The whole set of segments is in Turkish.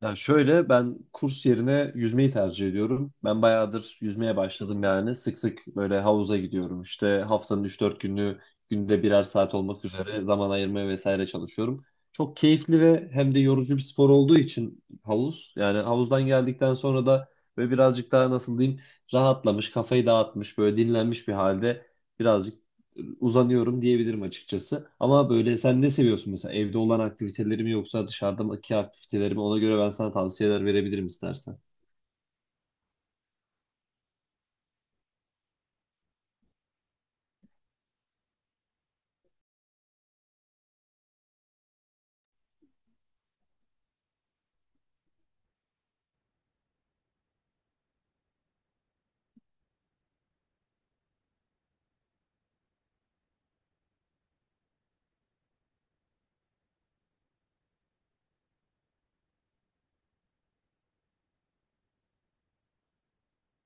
Ya şöyle ben kurs yerine yüzmeyi tercih ediyorum. Ben bayağıdır yüzmeye başladım yani. Sık sık böyle havuza gidiyorum. İşte haftanın 3-4 günü, günde birer saat olmak üzere zaman ayırmaya vesaire çalışıyorum. Çok keyifli ve hem de yorucu bir spor olduğu için havuz. Yani havuzdan geldikten sonra da böyle birazcık daha, nasıl diyeyim, rahatlamış, kafayı dağıtmış, böyle dinlenmiş bir halde birazcık uzanıyorum diyebilirim açıkçası. Ama böyle sen ne seviyorsun mesela, evde olan aktiviteleri mi yoksa dışarıdaki aktiviteleri mi? Ona göre ben sana tavsiyeler verebilirim istersen.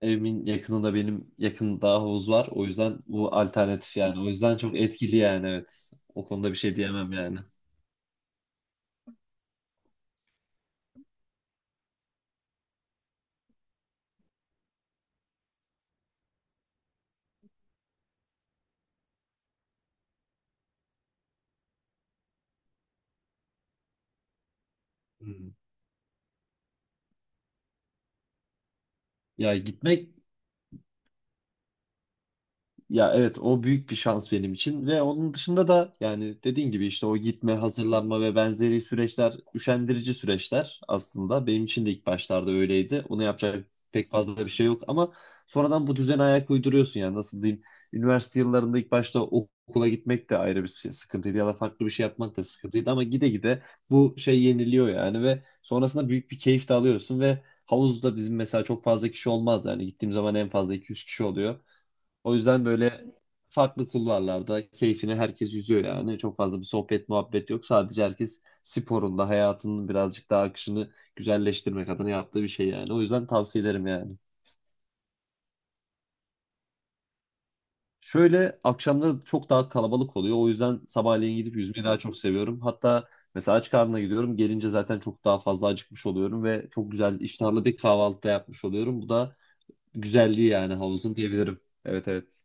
Evimin yakınında, benim yakında havuz var. O yüzden bu alternatif yani. O yüzden çok etkili yani, evet. O konuda bir şey diyemem yani. Hmm. Ya gitmek Ya evet, o büyük bir şans benim için. Ve onun dışında da yani dediğin gibi, işte o gitme, hazırlanma ve benzeri süreçler üşendirici süreçler aslında. Benim için de ilk başlarda öyleydi. Onu yapacak pek fazla bir şey yok ama sonradan bu düzene ayak uyduruyorsun yani, nasıl diyeyim. Üniversite yıllarında ilk başta okula gitmek de sıkıntıydı, ya da farklı bir şey yapmak da sıkıntıydı ama gide gide bu şey yeniliyor yani, ve sonrasında büyük bir keyif de alıyorsun. Ve havuzda bizim mesela çok fazla kişi olmaz yani, gittiğim zaman en fazla 200 kişi oluyor. O yüzden böyle farklı kulvarlarda keyfine herkes yüzüyor yani. Çok fazla bir sohbet muhabbet yok. Sadece herkes sporunda, hayatının birazcık daha akışını güzelleştirmek adına yaptığı bir şey yani. O yüzden tavsiye ederim yani. Şöyle, akşamları çok daha kalabalık oluyor. O yüzden sabahleyin gidip yüzmeyi daha çok seviyorum. Hatta mesela aç karnına gidiyorum. Gelince zaten çok daha fazla acıkmış oluyorum ve çok güzel iştahlı bir kahvaltı da yapmış oluyorum. Bu da güzelliği yani havuzun, diyebilirim. Evet, evet.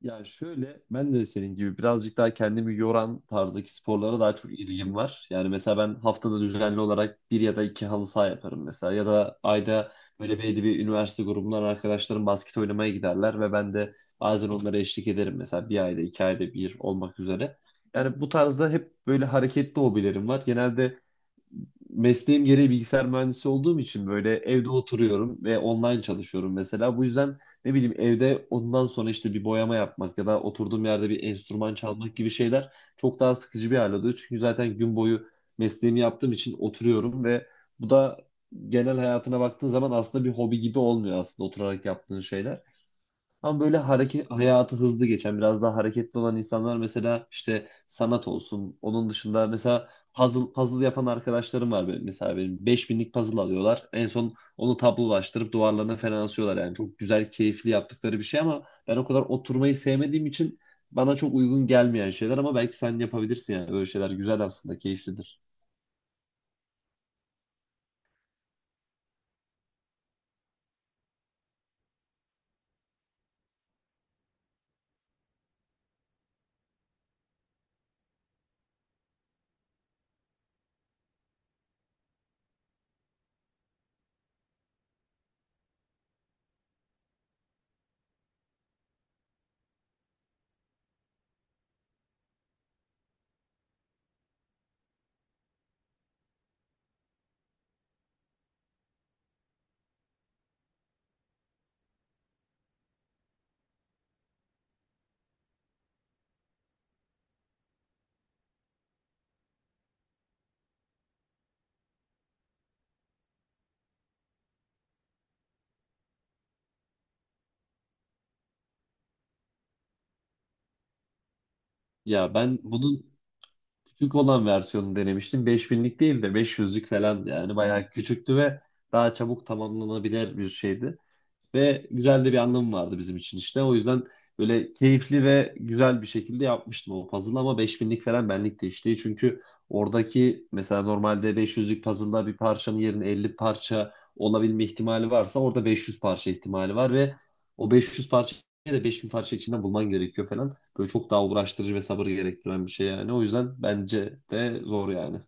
Ya şöyle, ben de senin gibi birazcık daha kendimi yoran tarzdaki sporlara daha çok ilgim var. Yani mesela ben haftada düzenli olarak bir ya da iki halı saha yaparım mesela. Ya da ayda böyle belli bir üniversite grubundan arkadaşlarım basket oynamaya giderler ve ben de bazen onlara eşlik ederim. Mesela bir ayda iki ayda bir olmak üzere. Yani bu tarzda hep böyle hareketli hobilerim var. Genelde mesleğim gereği bilgisayar mühendisi olduğum için böyle evde oturuyorum ve online çalışıyorum mesela. Bu yüzden ne bileyim, evde ondan sonra işte bir boyama yapmak ya da oturduğum yerde bir enstrüman çalmak gibi şeyler çok daha sıkıcı bir hal oluyor. Çünkü zaten gün boyu mesleğimi yaptığım için oturuyorum ve bu da, genel hayatına baktığın zaman aslında bir hobi gibi olmuyor aslında, oturarak yaptığın şeyler. Ama böyle hareket hayatı hızlı geçen, biraz daha hareketli olan insanlar mesela işte sanat olsun. Onun dışında mesela puzzle yapan arkadaşlarım var benim. Mesela benim 5.000'lik puzzle alıyorlar. En son onu tablolaştırıp duvarlarına falan asıyorlar. Yani çok güzel, keyifli yaptıkları bir şey ama ben o kadar oturmayı sevmediğim için bana çok uygun gelmeyen şeyler. Ama belki sen yapabilirsin yani, böyle şeyler güzel aslında, keyiflidir. Ya ben bunun küçük olan versiyonu denemiştim. 5.000'lik değil de 500'lük falan, yani bayağı küçüktü ve daha çabuk tamamlanabilir bir şeydi. Ve güzel de bir anlamı vardı bizim için işte. O yüzden böyle keyifli ve güzel bir şekilde yapmıştım o puzzle, ama 5.000'lik falan benlik de işte. Çünkü oradaki, mesela normalde 500'lük puzzle'da bir parçanın yerine 50 parça olabilme ihtimali varsa, orada 500 parça ihtimali var ve o 500 parçayı da 5.000 parça içinden bulman gerekiyor falan. Böyle çok daha uğraştırıcı ve sabır gerektiren bir şey yani. O yüzden bence de zor yani.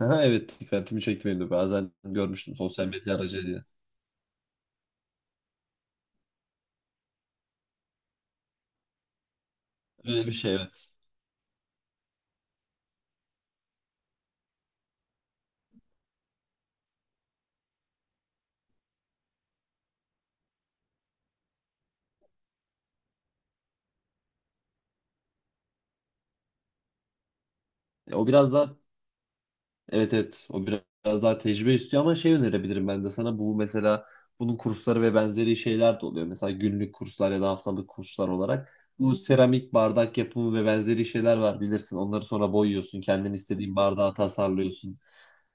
Aha, evet, dikkatimi çekti benim de. Bazen görmüştüm sosyal medya aracılığıyla. Öyle bir şey, evet. E, O biraz daha Evet evet, o biraz daha tecrübe istiyor ama şey önerebilirim ben de sana, bu mesela, bunun kursları ve benzeri şeyler de oluyor. Mesela günlük kurslar ya da haftalık kurslar olarak. Bu seramik bardak yapımı ve benzeri şeyler var bilirsin. Onları sonra boyuyorsun. Kendin istediğin bardağı tasarlıyorsun.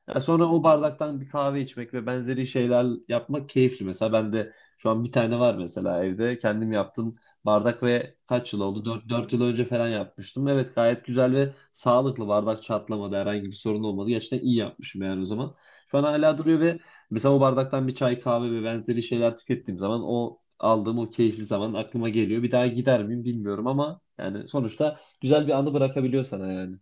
Ya sonra o bardaktan bir kahve içmek ve benzeri şeyler yapmak keyifli. Mesela ben de şu an bir tane var mesela evde. Kendim yaptım bardak ve kaç yıl oldu? Dört yıl önce falan yapmıştım. Evet, gayet güzel ve sağlıklı. Bardak çatlamadı. Herhangi bir sorun olmadı. Gerçekten iyi yapmışım yani o zaman. Şu an hala duruyor ve mesela o bardaktan bir çay, kahve ve benzeri şeyler tükettiğim zaman o aldığım o keyifli zaman aklıma geliyor. Bir daha gider miyim bilmiyorum ama yani sonuçta güzel bir anı bırakabiliyor sana yani.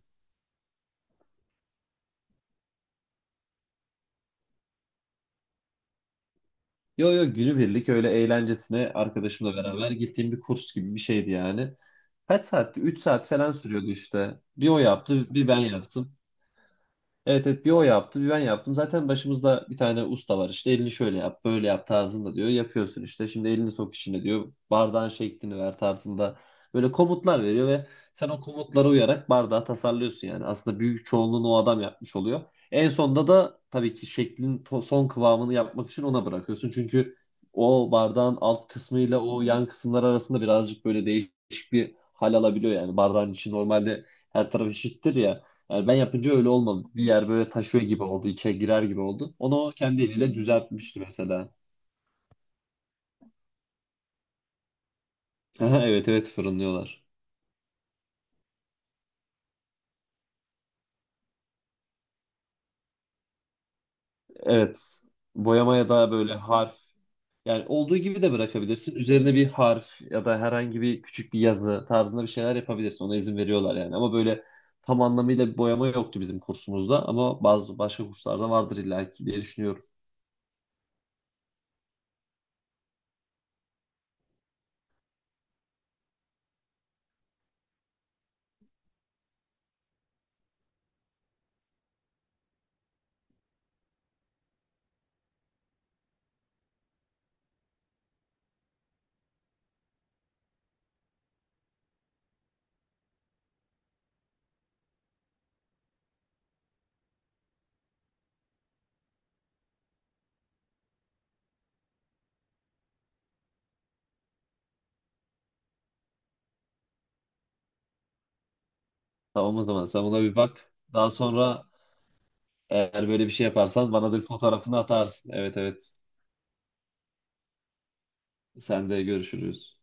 Yo yo, günübirlik, öyle eğlencesine arkadaşımla beraber gittiğim bir kurs gibi bir şeydi yani. Kaç saatti, 3 saat falan sürüyordu işte. Bir o yaptı, bir ben yaptım. Evet evet, bir o yaptı bir ben yaptım. Zaten başımızda bir tane usta var işte, elini şöyle yap, böyle yap tarzında diyor. Yapıyorsun işte, şimdi elini sok içine diyor. Bardağın şeklini ver tarzında. Böyle komutlar veriyor ve sen o komutlara uyarak bardağı tasarlıyorsun yani. Aslında büyük çoğunluğunu o adam yapmış oluyor. En sonunda da tabii ki şeklin, son kıvamını yapmak için ona bırakıyorsun. Çünkü o bardağın alt kısmıyla o yan kısımlar arasında birazcık böyle değişik bir hal alabiliyor yani. Bardağın içi normalde her taraf eşittir ya. Yani ben yapınca öyle olmadı. Bir yer böyle taşıyor gibi oldu, içe girer gibi oldu. Onu o kendi eliyle düzeltmişti mesela. Evet evet, fırınlıyorlar. Evet. Boyamaya da böyle harf, yani olduğu gibi de bırakabilirsin. Üzerine bir harf ya da herhangi bir küçük bir yazı tarzında bir şeyler yapabilirsin. Ona izin veriyorlar yani. Ama böyle tam anlamıyla bir boyama yoktu bizim kursumuzda, ama bazı başka kurslarda vardır illaki diye düşünüyorum. Tamam, o zaman sen buna bir bak. Daha sonra eğer böyle bir şey yaparsan bana da bir fotoğrafını atarsın. Evet, evet. Sen de, görüşürüz.